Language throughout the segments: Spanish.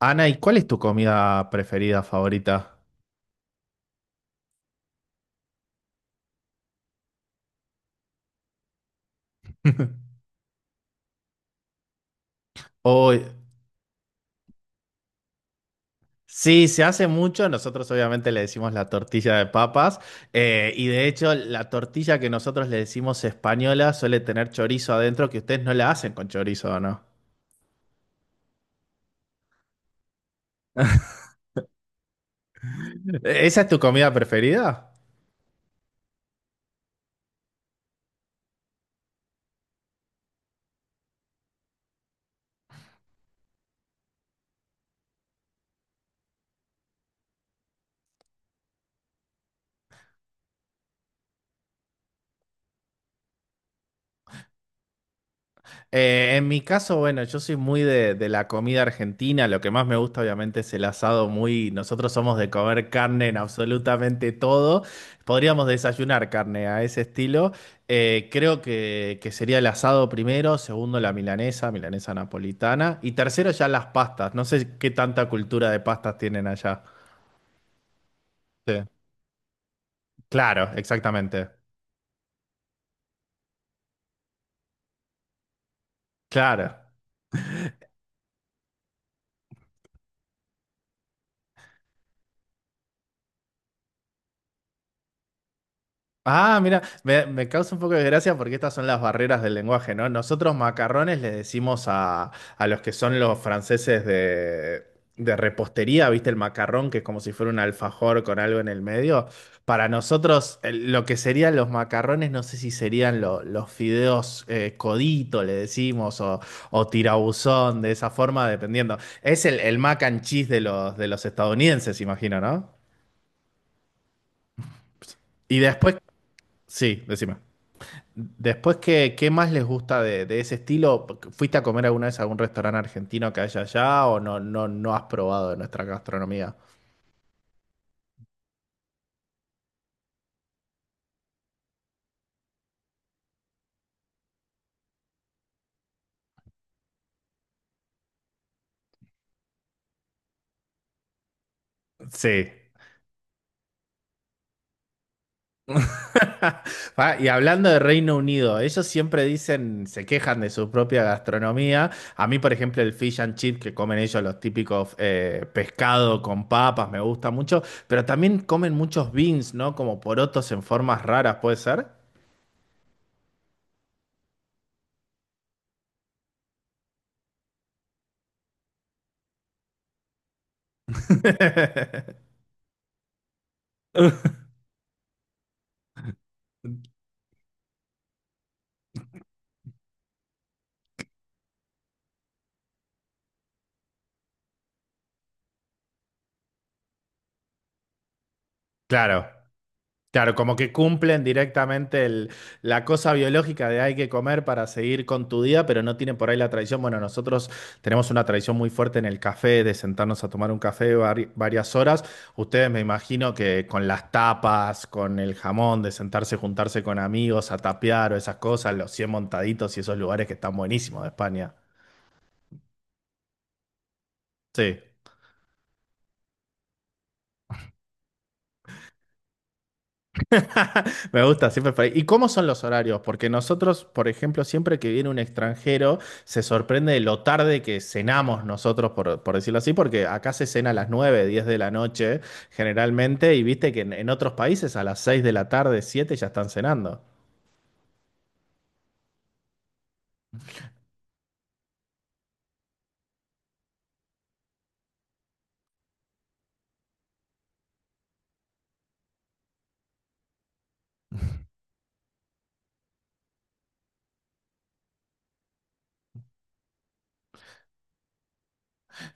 Ana, ¿y cuál es tu comida preferida, favorita? Oh, sí, se hace mucho. Nosotros obviamente le decimos la tortilla de papas. Y de hecho, la tortilla que nosotros le decimos española suele tener chorizo adentro, que ustedes no la hacen con chorizo, ¿o no? ¿Esa es tu comida preferida? En mi caso, bueno, yo soy muy de la comida argentina. Lo que más me gusta, obviamente, es el asado muy. Nosotros somos de comer carne en absolutamente todo. Podríamos desayunar carne a ese estilo. Creo que sería el asado primero, segundo la milanesa, milanesa napolitana, y tercero ya las pastas. No sé qué tanta cultura de pastas tienen allá. Sí. Claro, exactamente. Claro. Ah, mira, me causa un poco de gracia porque estas son las barreras del lenguaje, ¿no? Nosotros macarrones le decimos a los que son los franceses de repostería, ¿viste? El macarrón, que es como si fuera un alfajor con algo en el medio. Para nosotros, lo que serían los macarrones, no sé si serían los fideos codito, le decimos, o tirabuzón, de esa forma, dependiendo. Es el mac and cheese de los estadounidenses, imagino, ¿no? Y después, sí, decime. Después, ¿qué más les gusta de ese estilo? ¿Fuiste a comer alguna vez a algún restaurante argentino que haya allá o no has probado de nuestra gastronomía? Sí. Ah, y hablando de Reino Unido, ellos siempre dicen, se quejan de su propia gastronomía. A mí, por ejemplo, el fish and chip que comen ellos, los típicos pescado con papas, me gusta mucho, pero también comen muchos beans, ¿no? Como porotos en formas raras, ¿puede ser? Claro. Claro, como que cumplen directamente la cosa biológica de hay que comer para seguir con tu día, pero no tienen por ahí la tradición. Bueno, nosotros tenemos una tradición muy fuerte en el café, de sentarnos a tomar un café varias horas. Ustedes me imagino que con las tapas, con el jamón, de sentarse, juntarse con amigos a tapear o esas cosas, los 100 Montaditos y esos lugares que están buenísimos de España. Sí. Me gusta, siempre por ahí. ¿Y cómo son los horarios? Porque nosotros, por ejemplo, siempre que viene un extranjero, se sorprende de lo tarde que cenamos nosotros, por decirlo así, porque acá se cena a las 9, 10 de la noche, generalmente, y viste que en otros países a las 6 de la tarde, 7 ya están cenando.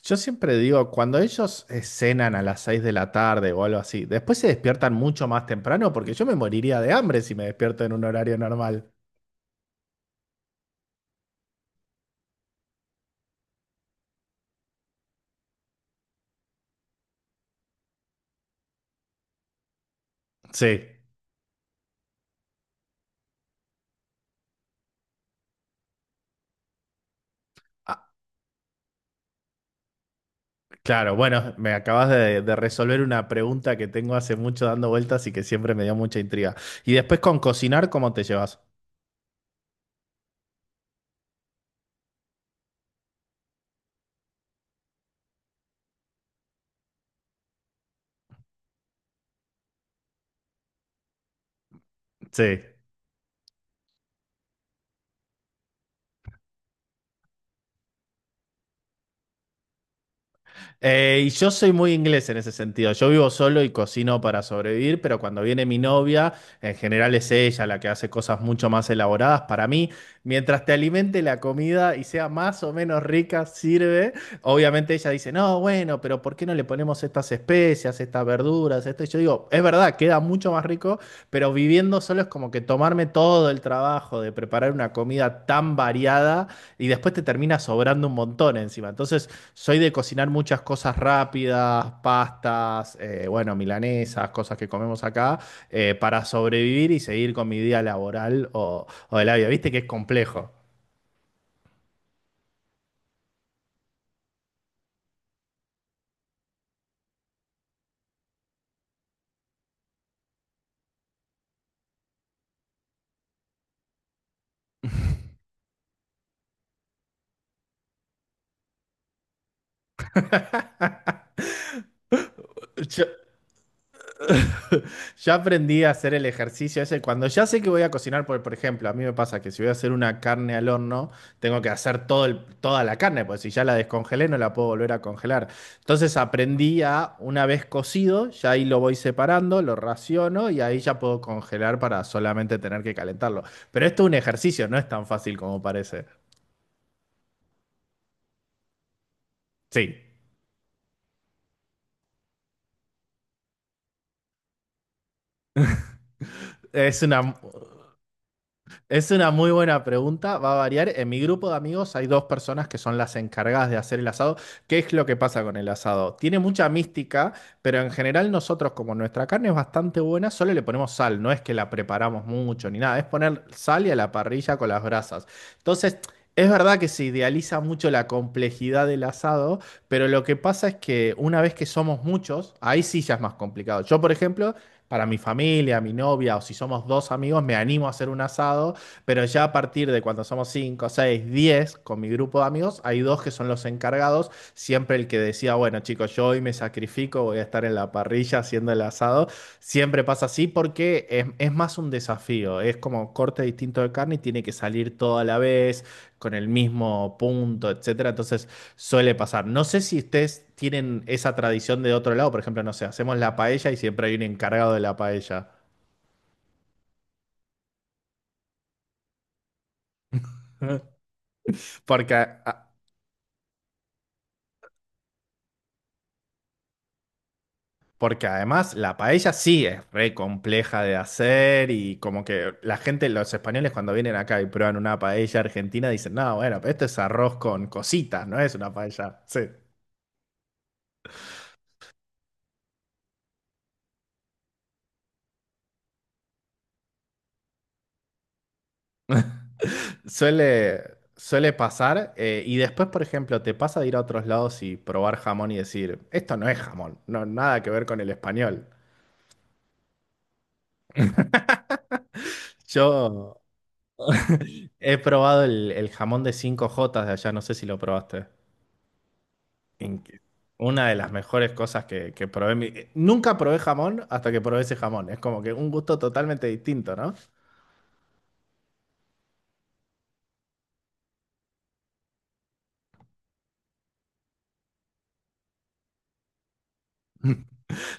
Yo siempre digo, cuando ellos cenan a las 6 de la tarde o algo así, después se despiertan mucho más temprano, porque yo me moriría de hambre si me despierto en un horario normal. Sí. Claro, bueno, me acabas de resolver una pregunta que tengo hace mucho dando vueltas y que siempre me dio mucha intriga. Y después con cocinar, ¿cómo te llevas? Sí. Y yo soy muy inglés en ese sentido. Yo vivo solo y cocino para sobrevivir, pero cuando viene mi novia, en general es ella la que hace cosas mucho más elaboradas para mí. Mientras te alimente la comida y sea más o menos rica, sirve. Obviamente ella dice, no, bueno, pero ¿por qué no le ponemos estas especias, estas verduras, esto? Y yo digo, es verdad, queda mucho más rico. Pero viviendo solo es como que tomarme todo el trabajo de preparar una comida tan variada y después te termina sobrando un montón encima. Entonces, soy de cocinar muchas cosas rápidas, pastas, bueno, milanesas, cosas que comemos acá, para sobrevivir y seguir con mi día laboral o de la vida. Viste que es complejo. Yo, Ya aprendí a hacer el ejercicio ese. Cuando ya sé que voy a cocinar, por ejemplo, a mí me pasa que si voy a hacer una carne al horno, tengo que hacer toda la carne, porque si ya la descongelé, no la puedo volver a congelar. Entonces aprendí a, una vez cocido, ya ahí lo voy separando, lo raciono y ahí ya puedo congelar para solamente tener que calentarlo. Pero esto es un ejercicio, no es tan fácil como parece. Sí. es una, Es una muy buena pregunta, va a variar. En mi grupo de amigos hay dos personas que son las encargadas de hacer el asado. ¿Qué es lo que pasa con el asado? Tiene mucha mística, pero en general nosotros, como nuestra carne es bastante buena, solo le ponemos sal, no es que la preparamos mucho ni nada, es poner sal y a la parrilla con las brasas. Entonces. Es verdad que se idealiza mucho la complejidad del asado, pero lo que pasa es que una vez que somos muchos, ahí sí ya es más complicado. Yo, por ejemplo, para mi familia, mi novia o si somos dos amigos, me animo a hacer un asado, pero ya a partir de cuando somos 5, 6, 10, con mi grupo de amigos, hay dos que son los encargados. Siempre el que decía, bueno, chicos, yo hoy me sacrifico, voy a estar en la parrilla haciendo el asado. Siempre pasa así porque es más un desafío. Es como corte distinto de carne y tiene que salir todo a la vez, con el mismo punto, etcétera. Entonces suele pasar. No sé si ustedes tienen esa tradición de otro lado. Por ejemplo, no sé, hacemos la paella y siempre hay un encargado de la paella. Porque a- Porque además la paella sí es re compleja de hacer y como que la gente, los españoles cuando vienen acá y prueban una paella argentina dicen, no, bueno, pero esto es arroz con cositas, no es una paella. Sí. Suele, suele pasar y después, por ejemplo, te pasa de ir a otros lados y probar jamón y decir, esto no es jamón, no, nada que ver con el español. Yo he probado el jamón de cinco jotas de allá, no sé si lo probaste. en que- una de las mejores cosas que probé. Nunca probé jamón hasta que probé ese jamón. Es como que un gusto totalmente distinto, ¿no? O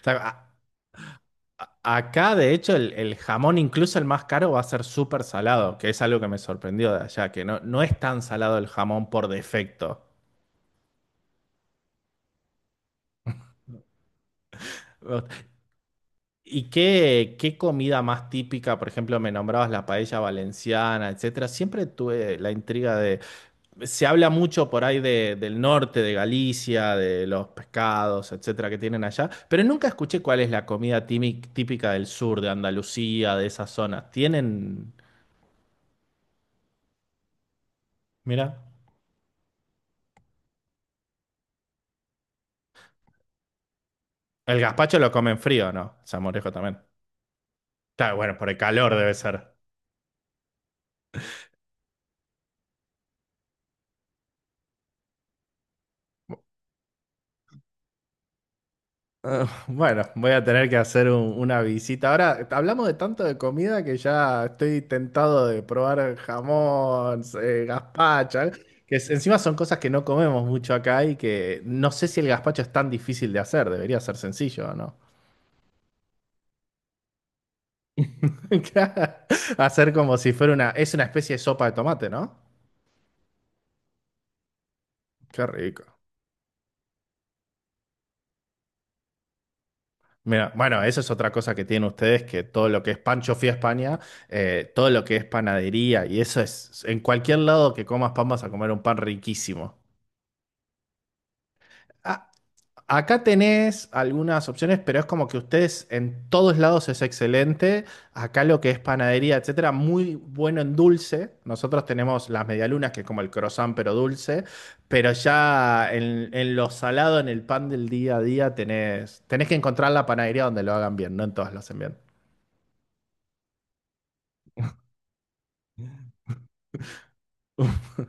sea, acá, de hecho, el jamón, incluso el más caro, va a ser súper salado, que es algo que me sorprendió de allá, que no es tan salado el jamón por defecto. ¿Y qué comida más típica? Por ejemplo, me nombrabas la paella valenciana, etcétera. Siempre tuve la intriga. Se habla mucho por ahí del norte, de Galicia, de los pescados, etcétera, que tienen allá, pero nunca escuché cuál es la comida típica del sur, de Andalucía, de esas zonas. Tienen, mira, el gazpacho lo comen frío, ¿no? Salmorejo también. Claro, bueno, por el calor debe ser. Ah, bueno, voy a tener que hacer una visita. Ahora, hablamos de tanto de comida que ya estoy tentado de probar jamón, gazpacho, encima son cosas que no comemos mucho acá y que no sé si el gazpacho es tan difícil de hacer, debería ser sencillo, ¿no? Hacer como si fuera es una especie de sopa de tomate, ¿no? Qué rico. Mira, bueno, esa es otra cosa que tienen ustedes, que todo lo que es pan, yo fui a España, todo lo que es panadería, y eso es, en cualquier lado que comas pan vas a comer un pan riquísimo. A- acá tenés algunas opciones, pero es como que ustedes en todos lados es excelente, acá lo que es panadería, etcétera, muy bueno en dulce, nosotros tenemos las medialunas, que es como el croissant, pero dulce, pero ya en lo salado, en el pan del día a día, tenés que encontrar la panadería donde lo hagan bien, no en todas lo hacen bien.